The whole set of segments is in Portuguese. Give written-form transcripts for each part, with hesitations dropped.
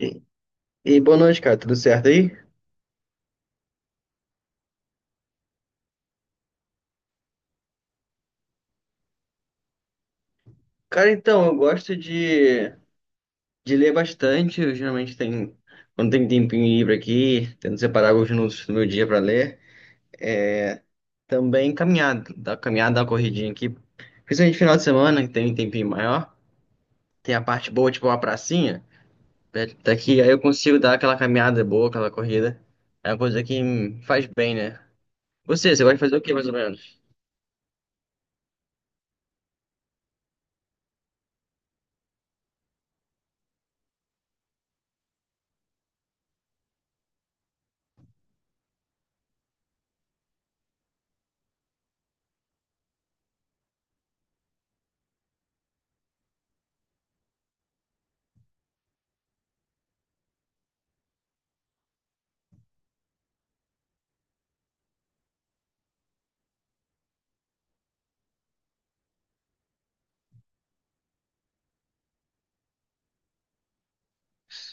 E, e boa noite, cara. Tudo certo aí? Cara, então, eu gosto de ler bastante. Quando tem tempinho livre aqui, tento separar alguns minutos do meu dia para ler. É, também caminhada, da corridinha aqui. Principalmente final de semana, que tem um tempinho maior. Tem a parte boa, tipo uma pracinha, perto daqui. Aí eu consigo dar aquela caminhada boa, aquela corrida. É uma coisa que me faz bem, né? Você gosta de fazer o quê, mais ou menos?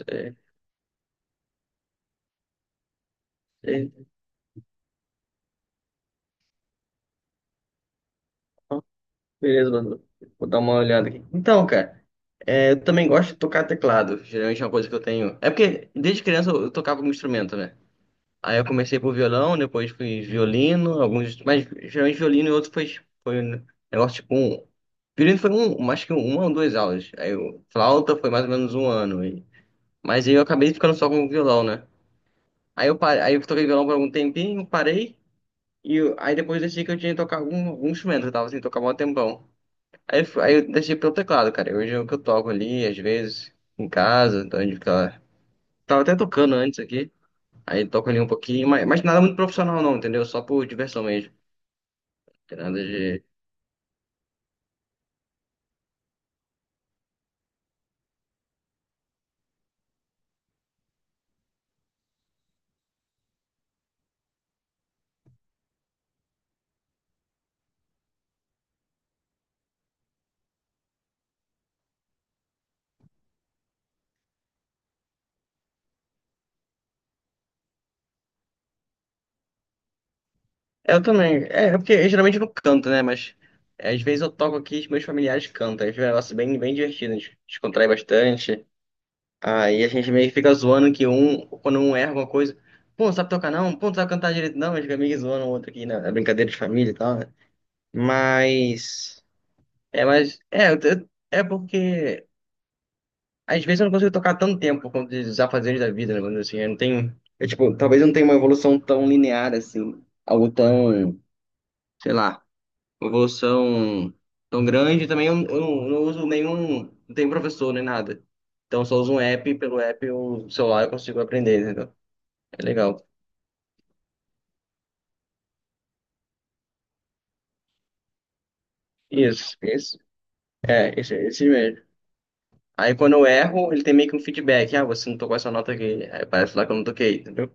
É, é. Beleza, Bruno. Vou dar uma olhada aqui. Então, cara, é, eu também gosto de tocar teclado. Geralmente é uma coisa que eu tenho. É porque desde criança eu tocava algum instrumento, né? Aí eu comecei por violão, depois fui violino, alguns. Mas geralmente violino e outro foi um negócio tipo um. Violino foi um, acho que uma ou duas aulas. Aí o flauta foi mais ou menos um ano. E... Mas aí eu acabei ficando só com o violão, né? Aí eu, parei, aí eu toquei violão por algum tempinho, parei. E aí depois eu decidi que eu tinha que tocar algum instrumento. Eu tava sem tocar há um tempão. Aí, aí eu deixei pelo teclado, cara. Hoje é o que eu toco ali, às vezes, em casa, então a gente fica... Tava até tocando antes aqui, aí toco ali um pouquinho, mas, nada muito profissional não, entendeu? Só por diversão mesmo. Tem nada de... Eu também, é, porque eu geralmente não canto, né? Mas é, às vezes eu toco aqui e os meus familiares cantam, aí fica um negócio bem, bem divertido, a gente descontrai bastante. Aí a gente meio que fica zoando que um, quando um erra alguma coisa, pô, não sabe tocar não, pô, não sabe cantar direito não, a gente fica meio que zoando o outro aqui, né? É brincadeira de família e tal, né? Mas... mas é, é porque às vezes eu não consigo tocar tanto tempo quanto os afazeres da vida, né? Mas, assim, eu não tenho, eu, tipo, talvez eu não tenha uma evolução tão linear assim, algo tão, sei lá, uma evolução tão grande. Também eu não uso nenhum, não tenho professor nem nada. Então eu só uso um app, pelo app o celular eu consigo aprender, entendeu? É legal. Isso, isso. É, esse mesmo. Aí quando eu erro, ele tem meio que um feedback. Ah, você não tocou essa nota aqui. Aí parece lá que eu não toquei, entendeu?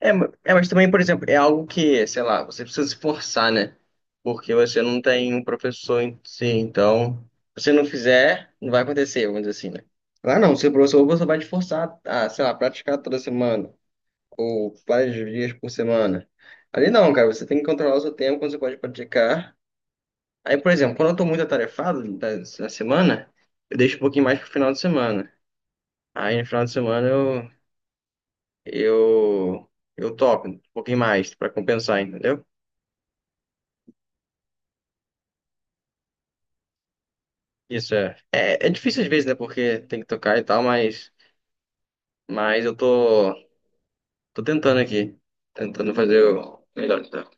É, é, mas também, por exemplo, é algo que, sei lá, você precisa se forçar, né? Porque você não tem um professor em si, então, se você não fizer, não vai acontecer, vamos dizer assim, né? Lá não, seu professor você vai te forçar a, sei lá, praticar toda semana, ou vários dias por semana. Ali não, cara, você tem que controlar o seu tempo quando você pode praticar. Aí, por exemplo, quando eu tô muito atarefado da, semana, eu deixo um pouquinho mais pro final de semana. Aí no final de semana eu, eu topo um pouquinho mais pra compensar, entendeu? Isso é. É difícil às vezes, né? Porque tem que tocar e tal, mas, eu tô tentando aqui. Tentando fazer o melhor que dá.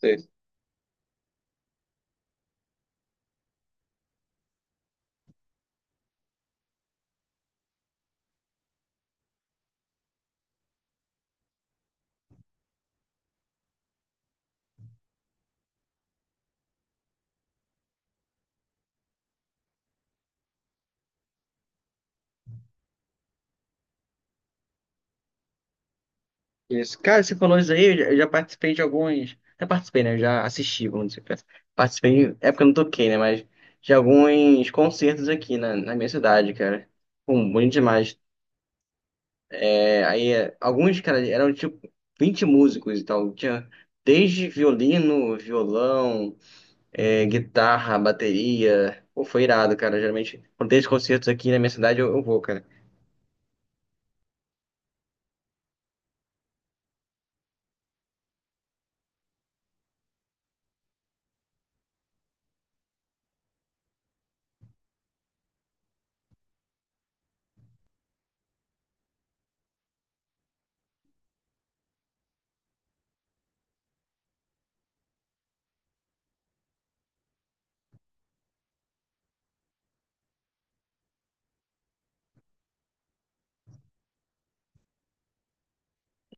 Sei. Isso. Cara, você falou isso aí, eu já participei de alguns. Já participei, né? Eu já assisti, vamos dizer. Participei, é porque eu não toquei, né? Mas de alguns concertos aqui na minha cidade, cara. Pum, bonito demais. É, aí, é, alguns, cara, eram tipo 20 músicos e tal. Tinha desde violino, violão, é, guitarra, bateria. Pô, foi irado, cara. Geralmente, quando tem esses concertos aqui na minha cidade, eu vou, cara.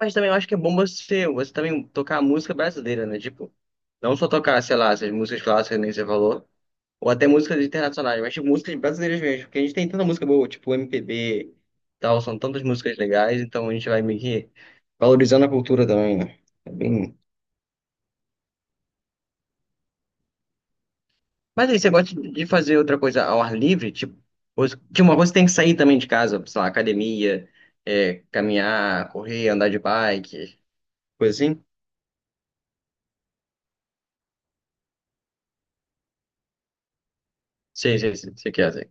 Mas também eu acho que é bom você também tocar música brasileira, né? Tipo, não só tocar, sei lá, essas músicas clássicas, nem você falou, ou até músicas internacionais, mas tipo, músicas brasileiras mesmo, porque a gente tem tanta música boa, tipo MPB, tal, são tantas músicas legais, então a gente vai meio que valorizando a cultura também, né? É bem, mas aí, você gosta de fazer outra coisa ao ar livre? Tipo, tipo, uma coisa que tem que sair também de casa, sei lá, academia, é, caminhar, correr, andar de bike, coisa assim? Sei, sei, sei, sei que é, sei.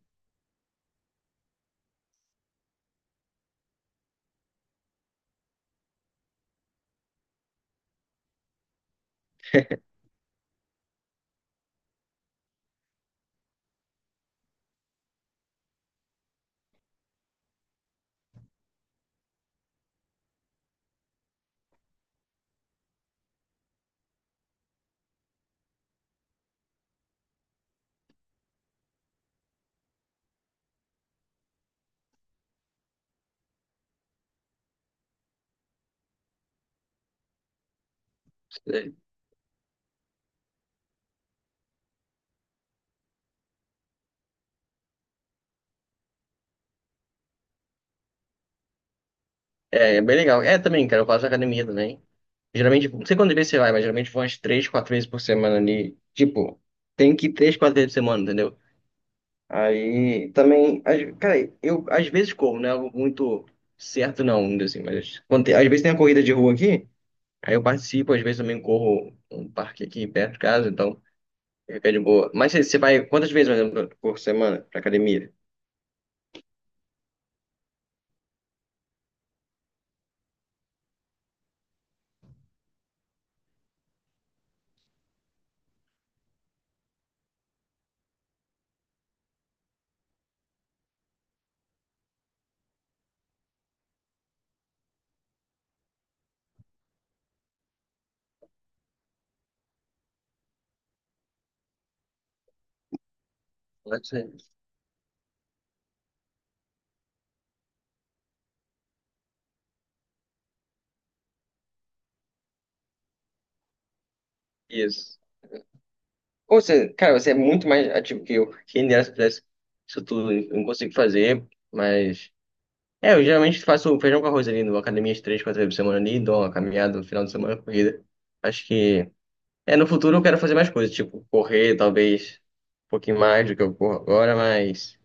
É, é bem legal. É, também, cara, eu faço academia também. Geralmente, não sei quando vez você vai, mas geralmente vou umas três, quatro vezes por semana ali. Tipo, tem que ir três, quatro vezes por semana, entendeu? Aí, também, cara, eu às vezes corro, não é algo muito certo não, ainda assim, mas quando às vezes tem a corrida de rua aqui, aí eu participo, às vezes também corro um parque aqui perto de casa, então fica de boa. Mas você vai quantas vezes, mais ou menos, por semana pra academia? Quantas vezes? Isso. Ou você, cara, você é muito mais ativo que eu. Quem dera se eu pudesse isso tudo, eu não consigo fazer, mas... É, eu geralmente faço feijão com arroz ali, numa academia de três, quatro vezes por semana ali, dou uma caminhada no final de semana, corrida. Acho que... É, no futuro eu quero fazer mais coisas, tipo, correr, talvez, um pouquinho mais do que eu corro agora, mas...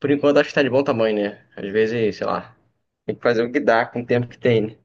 Por enquanto acho que tá de bom tamanho, né? Às vezes, sei lá, tem que fazer o que dá com o tempo que tem, né?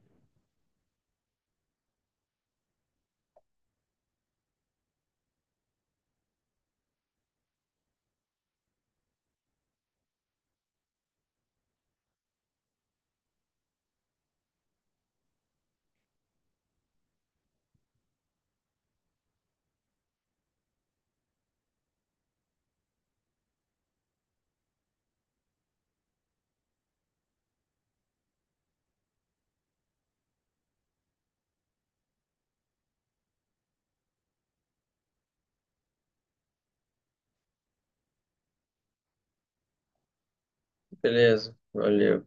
Beleza, valeu.